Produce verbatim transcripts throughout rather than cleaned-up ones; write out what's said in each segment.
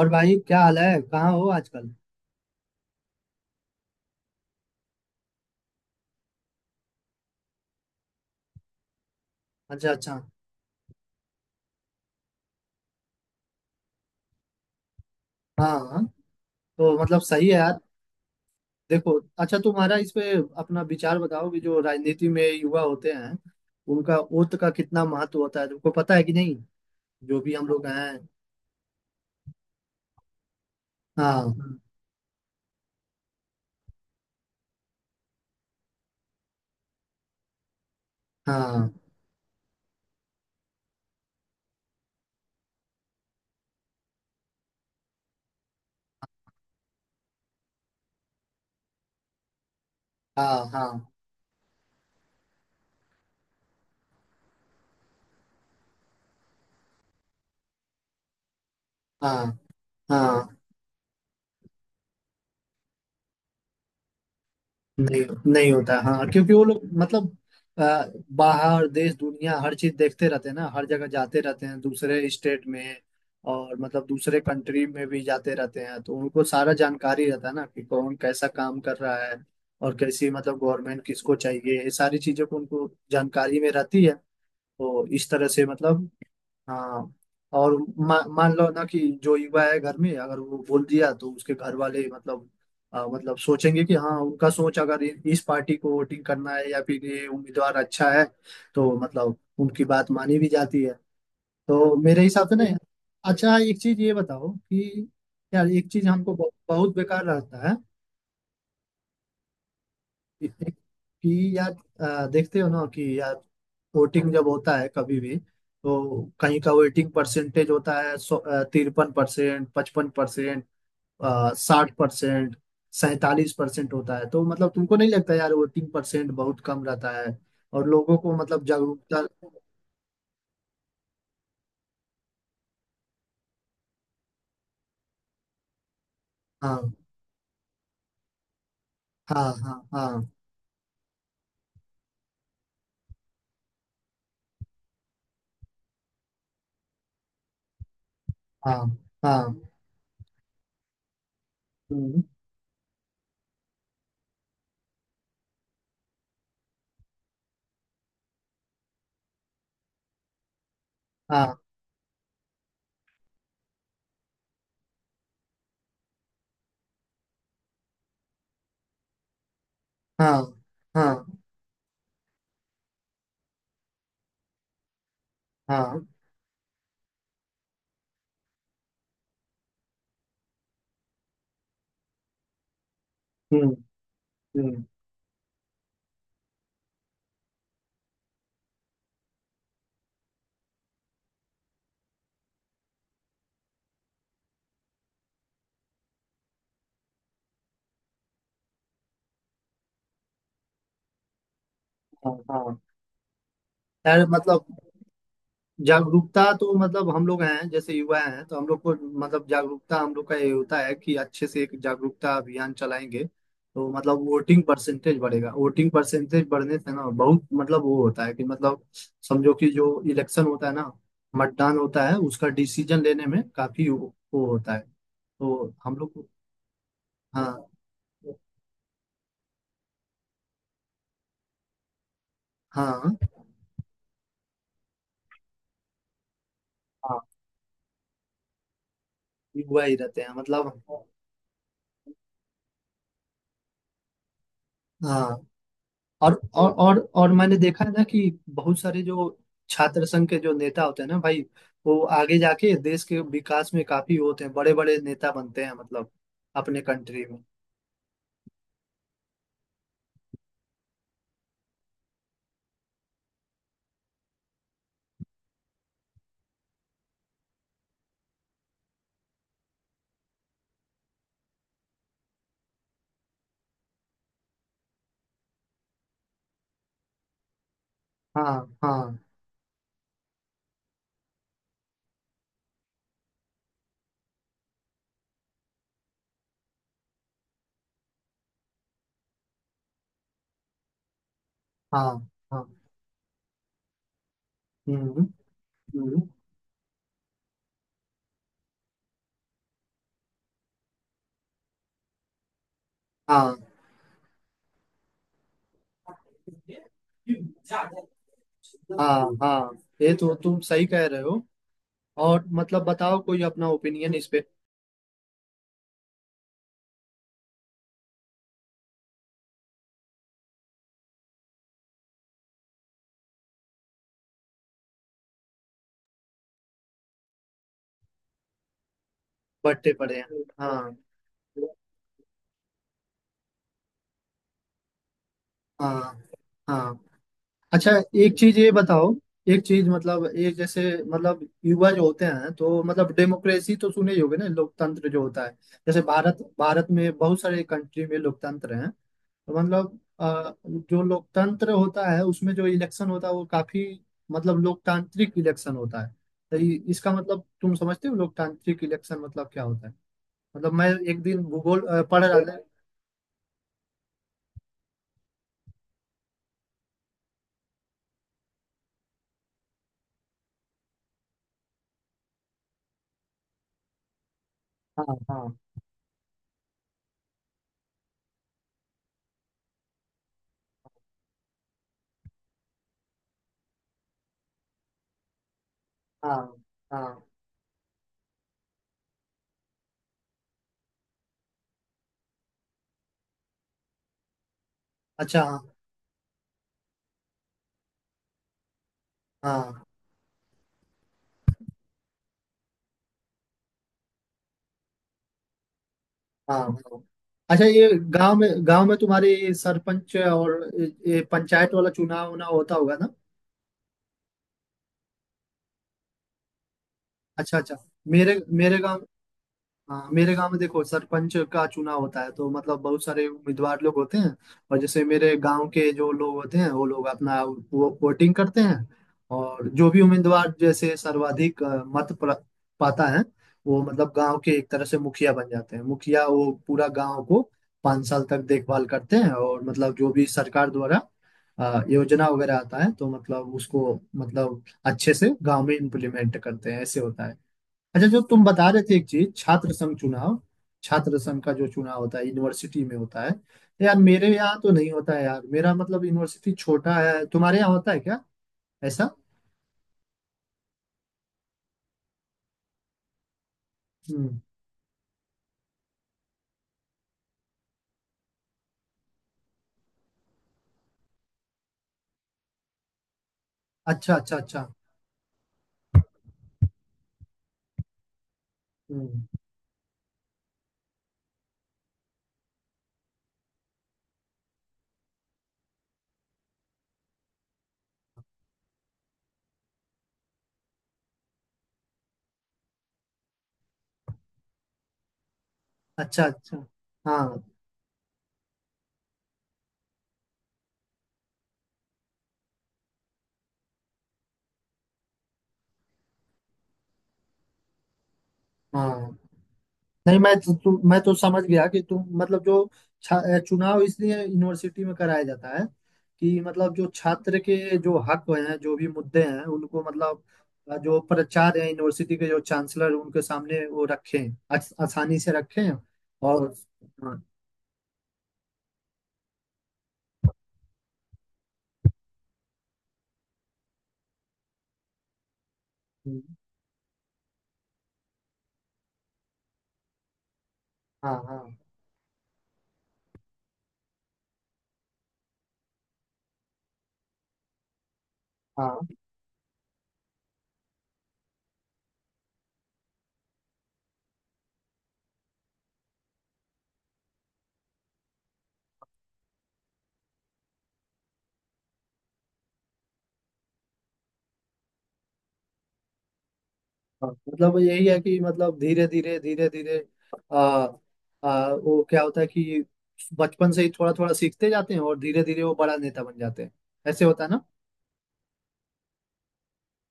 और भाई, क्या हाल है? कहाँ हो आजकल? अच्छा, अच्छा। हाँ हाँ। तो मतलब सही है यार। देखो। अच्छा, तुम्हारा इस पे अपना विचार बताओ कि जो राजनीति में युवा होते हैं उनका वोट का कितना महत्व होता है, तुमको पता है कि नहीं? जो भी हम लोग हैं। हाँ हाँ हाँ हाँ हाँ हाँ। नहीं, नहीं होता। हाँ, क्योंकि वो लोग मतलब अ, बाहर देश दुनिया हर चीज देखते रहते हैं ना, हर जगह जाते रहते हैं दूसरे स्टेट में। और मतलब दूसरे कंट्री में भी जाते रहते हैं, तो उनको सारा जानकारी रहता है ना कि कौन कैसा काम कर रहा है। और कैसी मतलब गवर्नमेंट किसको चाहिए, ये सारी चीजों को उनको जानकारी में रहती है। तो इस तरह से मतलब हाँ। और मा, मान लो ना कि जो युवा है घर में अगर वो बोल दिया तो उसके घर वाले मतलब आ, मतलब सोचेंगे कि हाँ, उनका सोच अगर इ- इस पार्टी को वोटिंग करना है या फिर ये उम्मीदवार अच्छा है, तो मतलब उनकी बात मानी भी जाती है। तो मेरे हिसाब से ना। अच्छा, एक चीज ये बताओ कि यार, एक चीज हमको बहुत बहुत बेकार रहता है कि यार अ, देखते हो ना कि यार वोटिंग जब होता है कभी भी तो कहीं का वोटिंग परसेंटेज होता है तिरपन परसेंट, पचपन परसेंट, साठ परसेंट, सैतालीस परसेंट होता है। तो मतलब तुमको नहीं लगता यार वोटिंग परसेंट बहुत कम रहता है और लोगों को मतलब जागरूकता। हाँ हाँ हाँ हाँ हाँ हाँ। हम्म। हाँ हाँ हाँ हाँ। हम्म। हम्म। हाँ। हाँ यार मतलब जागरूकता तो मतलब हम लोग हैं जैसे युवा हैं तो हम लोग को मतलब जागरूकता हम लोग का ये होता है कि अच्छे से एक जागरूकता अभियान चलाएंगे तो मतलब वोटिंग परसेंटेज बढ़ेगा, वोटिंग परसेंटेज बढ़ने से ना बहुत मतलब वो होता है कि मतलब समझो कि जो इलेक्शन होता है ना, मतदान होता है उसका डिसीजन लेने में काफी वो, वो होता है, तो हम लोग को- हाँ हाँ हाँ। युवा ही रहते हैं मतलब। हाँ, और और और और मैंने देखा है ना कि बहुत सारे जो छात्र संघ के जो नेता होते हैं ना भाई, वो आगे जाके देश के विकास में काफी होते हैं, बड़े बड़े नेता बनते हैं मतलब अपने कंट्री में। हाँ हाँ हाँ हाँ। हम्म। हम्म, हाँ हाँ हाँ। ये तो तुम सही कह रहे हो। और मतलब बताओ कोई अपना ओपिनियन इस पे। बढ़ते पड़े हैं हाँ। हाँ हाँ। अच्छा, एक चीज ये बताओ। एक चीज मतलब एक जैसे मतलब युवा जो होते हैं तो मतलब डेमोक्रेसी तो सुने ही होगे ना, लोकतंत्र जो होता है जैसे भारत, भारत में बहुत सारे कंट्री में लोकतंत्र हैं। तो मतलब अ, जो लोकतंत्र होता है उसमें जो इलेक्शन होता है वो काफी मतलब लोकतांत्रिक इलेक्शन होता है। तो इ- इसका मतलब तुम समझते हो लोकतांत्रिक इलेक्शन मतलब क्या होता है। मतलब मैं एक दिन भूगोल अ, पढ़ रहा था। हाँ हाँ हाँ हाँ। अच्छा। हाँ हाँ हाँ हाँ। अच्छा, ये गांव में, गांव में तुम्हारे ये सरपंच और ये ये पंचायत वाला चुनाव ना होता होगा ना? अच्छा अच्छा। मेरे मेरे गांव, हाँ मेरे गांव में देखो सरपंच का चुनाव होता है तो मतलब बहुत सारे उम्मीदवार लोग होते हैं। और जैसे मेरे गांव के जो लोग होते हैं वो लोग अपना वो वोटिंग करते हैं। और जो भी उम्मीदवार जैसे सर्वाधिक अ, मत प्र- पाता है वो मतलब गांव के एक तरह से मुखिया बन जाते हैं। मुखिया वो पूरा गांव को पाँच साल तक देखभाल करते हैं और मतलब जो भी सरकार द्वारा अ, योजना वगैरह आता है तो मतलब उसको मतलब अच्छे से गांव में इम्प्लीमेंट करते हैं, ऐसे होता है। अच्छा, जो तुम बता रहे थे एक चीज, छात्र संघ चुनाव, छात्र संघ का जो चुनाव होता है यूनिवर्सिटी में होता है, तो यार मेरे यहाँ तो नहीं होता है यार, मेरा मतलब यूनिवर्सिटी छोटा है, तुम्हारे यहाँ होता है क्या ऐसा? हम्म। अच्छा अच्छा अच्छा। हम्म। अच्छा अच्छा। हाँ हाँ। नहीं, मैं तो, तू, मैं तो समझ गया कि तुम मतलब जो छा- चुनाव इसलिए यूनिवर्सिटी में कराया जाता है कि मतलब जो छात्र के जो हक हैं, जो भी मुद्दे हैं उनको मतलब अ, जो प्राचार्य हैं यूनिवर्सिटी के, जो चांसलर हैं, उनके सामने वो रखें, आस, आसानी से रखें। और हाँ हाँ हाँ हाँ हाँ। मतलब यही है कि मतलब धीरे धीरे धीरे धीरे आ, आ, वो क्या होता है कि बचपन से ही थोड़ा थोड़ा सीखते जाते हैं और धीरे धीरे वो बड़ा नेता बन जाते हैं, ऐसे होता है ना।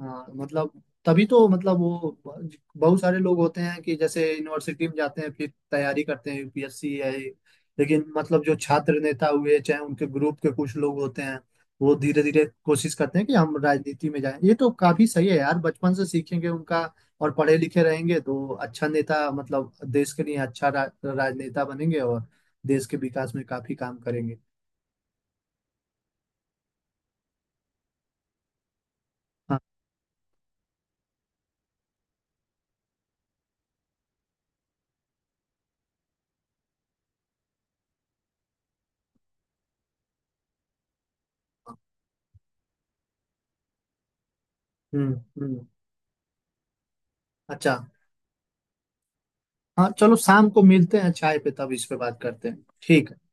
हाँ, तो मतलब तभी तो मतलब वो बहुत सारे लोग होते हैं कि जैसे यूनिवर्सिटी में जाते हैं फिर तैयारी करते हैं यू पी एस सी है। लेकिन मतलब जो छात्र नेता हुए चाहे उनके ग्रुप के कुछ लोग होते हैं वो धीरे धीरे कोशिश करते हैं कि हम राजनीति में जाएं। ये तो काफी सही है यार, बचपन से सीखेंगे उनका और पढ़े लिखे रहेंगे तो अच्छा नेता मतलब देश के लिए अच्छा रा, राजनेता बनेंगे और देश के विकास में काफी काम करेंगे। हाँ हाँ, हम्म। हम्म। अच्छा। हाँ, चलो शाम को मिलते हैं चाय पे, तब इस पे बात करते हैं। ठीक है।